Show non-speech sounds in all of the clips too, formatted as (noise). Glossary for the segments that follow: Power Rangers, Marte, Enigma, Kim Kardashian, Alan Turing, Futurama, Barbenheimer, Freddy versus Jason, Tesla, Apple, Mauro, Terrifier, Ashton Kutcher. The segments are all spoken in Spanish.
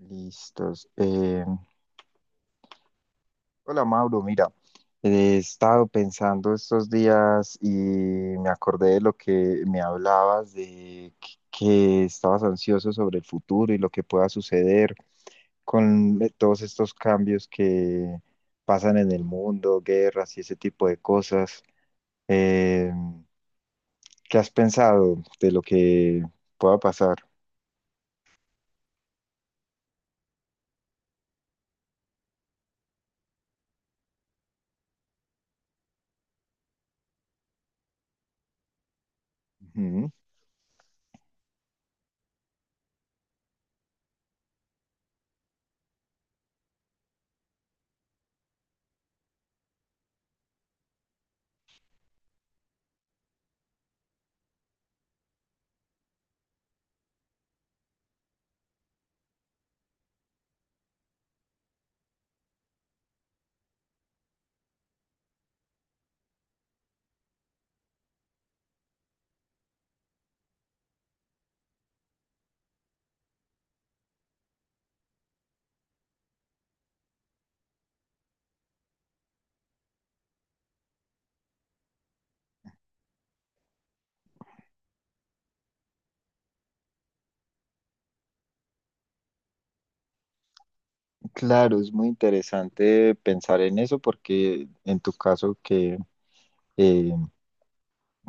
Listos. Hola Mauro, mira, he estado pensando estos días y me acordé de lo que me hablabas, de que estabas ansioso sobre el futuro y lo que pueda suceder con todos estos cambios que pasan en el mundo, guerras y ese tipo de cosas. Eh, ¿Qué has pensado de lo que pueda pasar? Ujú. Claro, es muy interesante pensar en eso porque en tu caso que eh,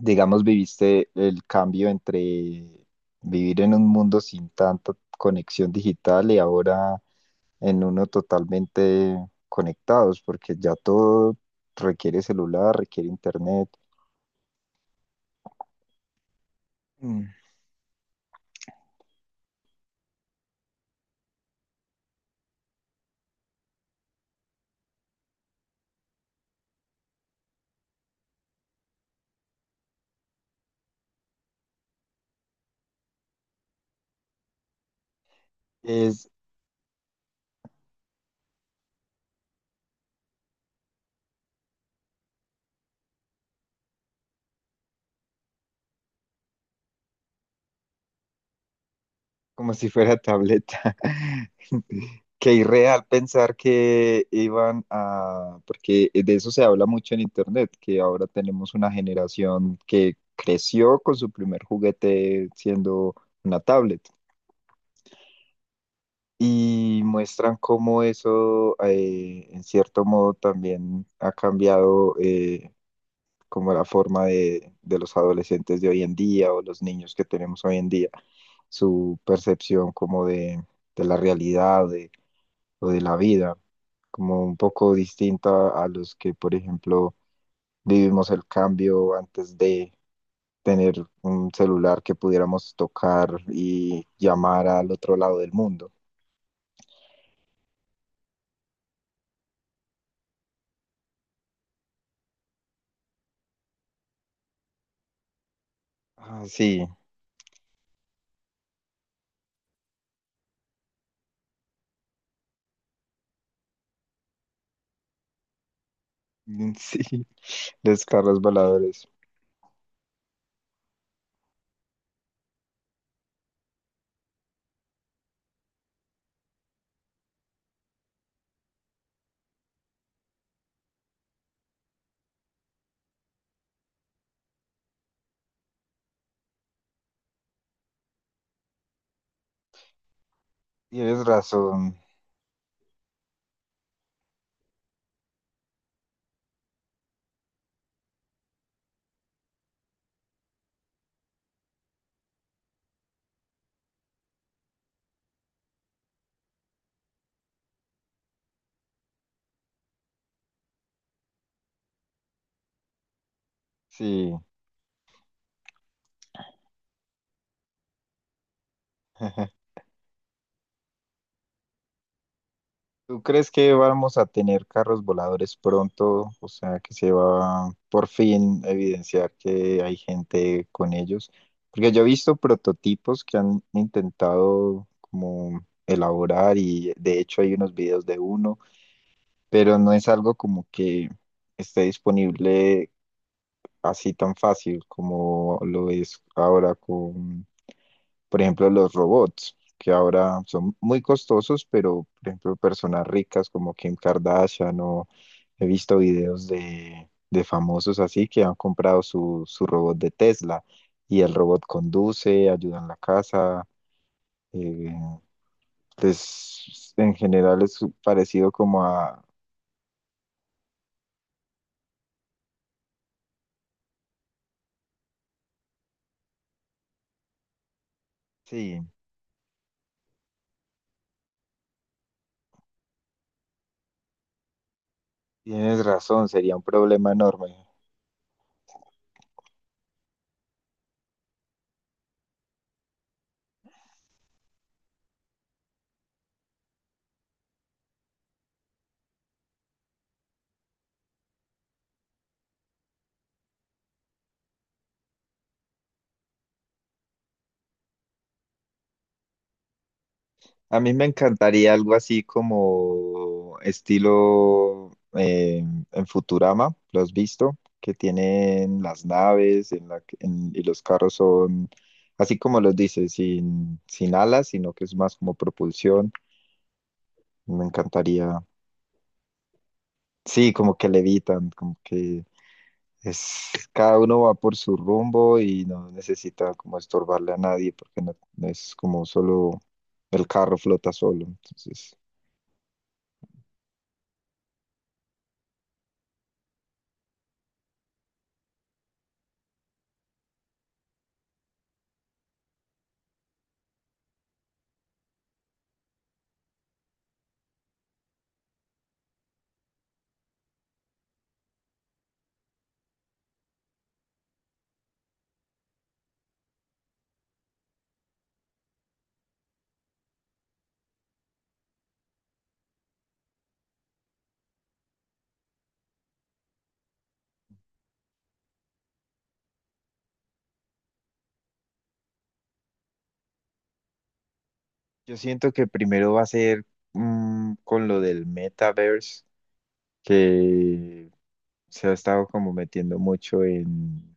digamos, viviste el cambio entre vivir en un mundo sin tanta conexión digital y ahora en uno totalmente conectados, porque ya todo requiere celular, requiere internet. Mm. Es, como si fuera tableta. (laughs) Qué irreal pensar que iban a, porque de eso se habla mucho en internet, que ahora tenemos una generación que creció con su primer juguete siendo una tablet. Y muestran cómo eso, en cierto modo, también ha cambiado. Como la forma de los adolescentes de hoy en día o los niños que tenemos hoy en día, su percepción como de la o de la vida, como un poco distinta a los que, por ejemplo, vivimos el cambio antes de tener un celular que pudiéramos tocar y llamar al otro lado del mundo. Ah, sí, (laughs) sí, los carros voladores. Tienes razón, sí. (laughs) ¿Tú crees que vamos a tener carros voladores pronto? O sea, que se va por fin a evidenciar que hay gente con ellos. Porque yo he visto prototipos que han intentado como elaborar, y de hecho hay unos videos de uno, pero no es algo como que esté disponible así tan fácil como lo es ahora, por ejemplo, los robots, que ahora son muy costosos, pero por ejemplo, personas ricas como Kim Kardashian, o he visto videos de famosos así que han comprado su robot de Tesla y el robot conduce, ayuda en la casa. eh, pues en general es parecido como a... Sí, tienes razón, sería un problema enorme. A mí me encantaría algo así como estilo en Futurama, ¿lo has visto? Que tienen las naves en y los carros son, así como los dices, sin alas, sino que es más como propulsión. Me encantaría, sí, como que levitan, como que es, cada uno va por su rumbo y no necesita como estorbarle a nadie porque no es como solo el carro flota solo. Entonces. Yo siento que primero va a ser mm, con lo del metaverse, que se ha estado como metiendo mucho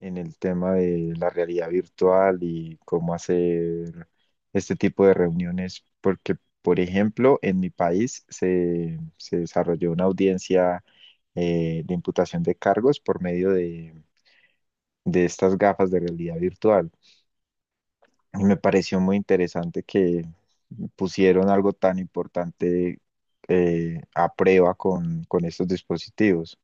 en el tema de la realidad virtual y cómo hacer este tipo de reuniones, porque, por ejemplo, en mi país se desarrolló una audiencia de imputación de cargos por medio de estas gafas de realidad virtual. Y me pareció muy interesante que pusieron algo tan importante a prueba con estos dispositivos.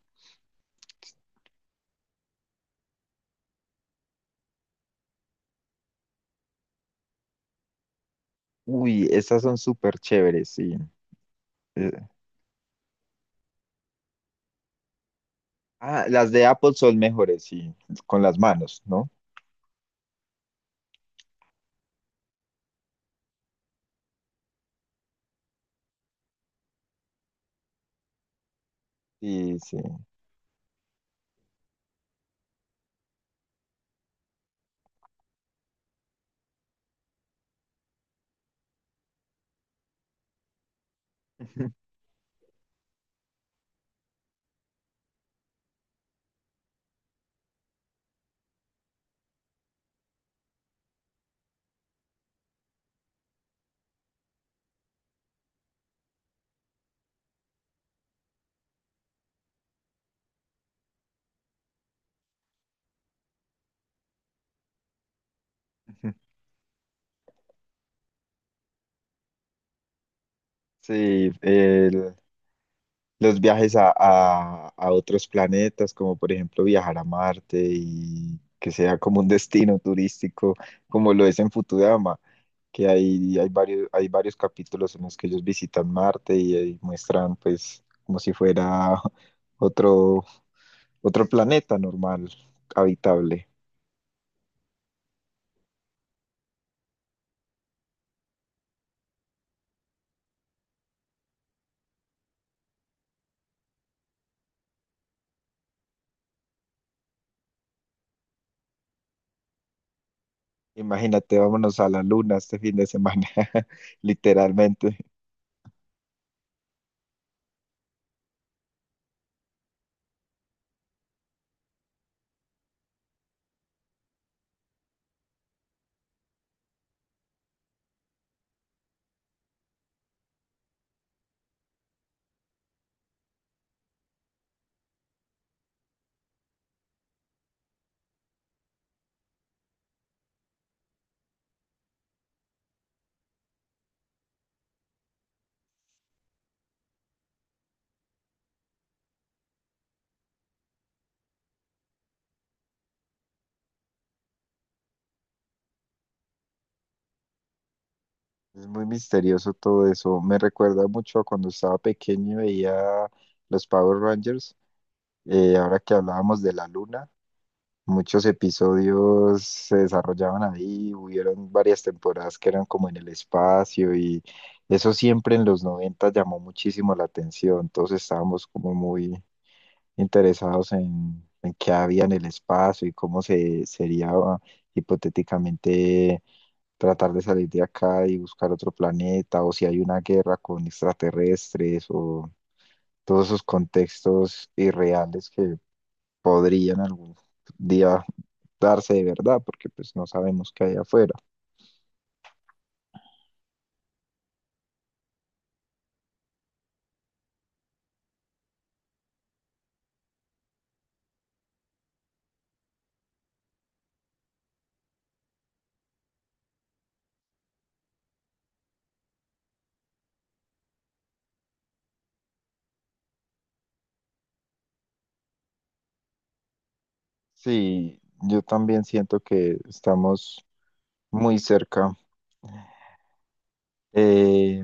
Uy, estas son súper chéveres, sí. Eh, ah, las de Apple son mejores, sí, con las manos, ¿no? Sí, sí. (laughs) Sí, los viajes a otros planetas, como por ejemplo viajar a Marte y que sea como un destino (laughs) turístico, como lo es en Futurama, que hay varios capítulos en los que ellos visitan Marte y, ahí muestran pues como si fuera (laughs) otro, otro planeta normal, habitable. Imagínate, vámonos a la luna este fin de semana, (laughs) literalmente. Es muy misterioso todo eso. Me recuerda mucho a cuando estaba pequeño y veía los Power Rangers. Ahora que hablábamos de la luna, muchos episodios se desarrollaban ahí. Hubieron varias temporadas que eran como en el espacio, y eso siempre en los 90 llamó muchísimo la atención. Todos estábamos como muy interesados en qué había en el espacio y cómo se sería hipotéticamente tratar de salir de acá y buscar otro planeta, o si hay una guerra con extraterrestres, o todos esos contextos irreales que podrían algún día darse de verdad, porque pues no sabemos qué hay afuera. Sí, yo también siento que estamos muy cerca. Eh,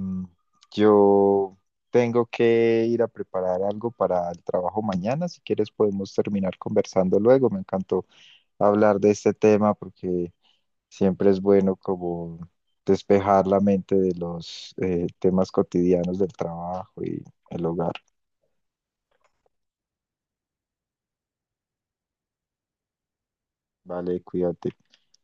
yo tengo que ir a preparar algo para el trabajo mañana. Si quieres, podemos terminar conversando luego. Me encantó hablar de este tema porque siempre es bueno como despejar la mente de los temas cotidianos del trabajo y el hogar. Vale, cuídate.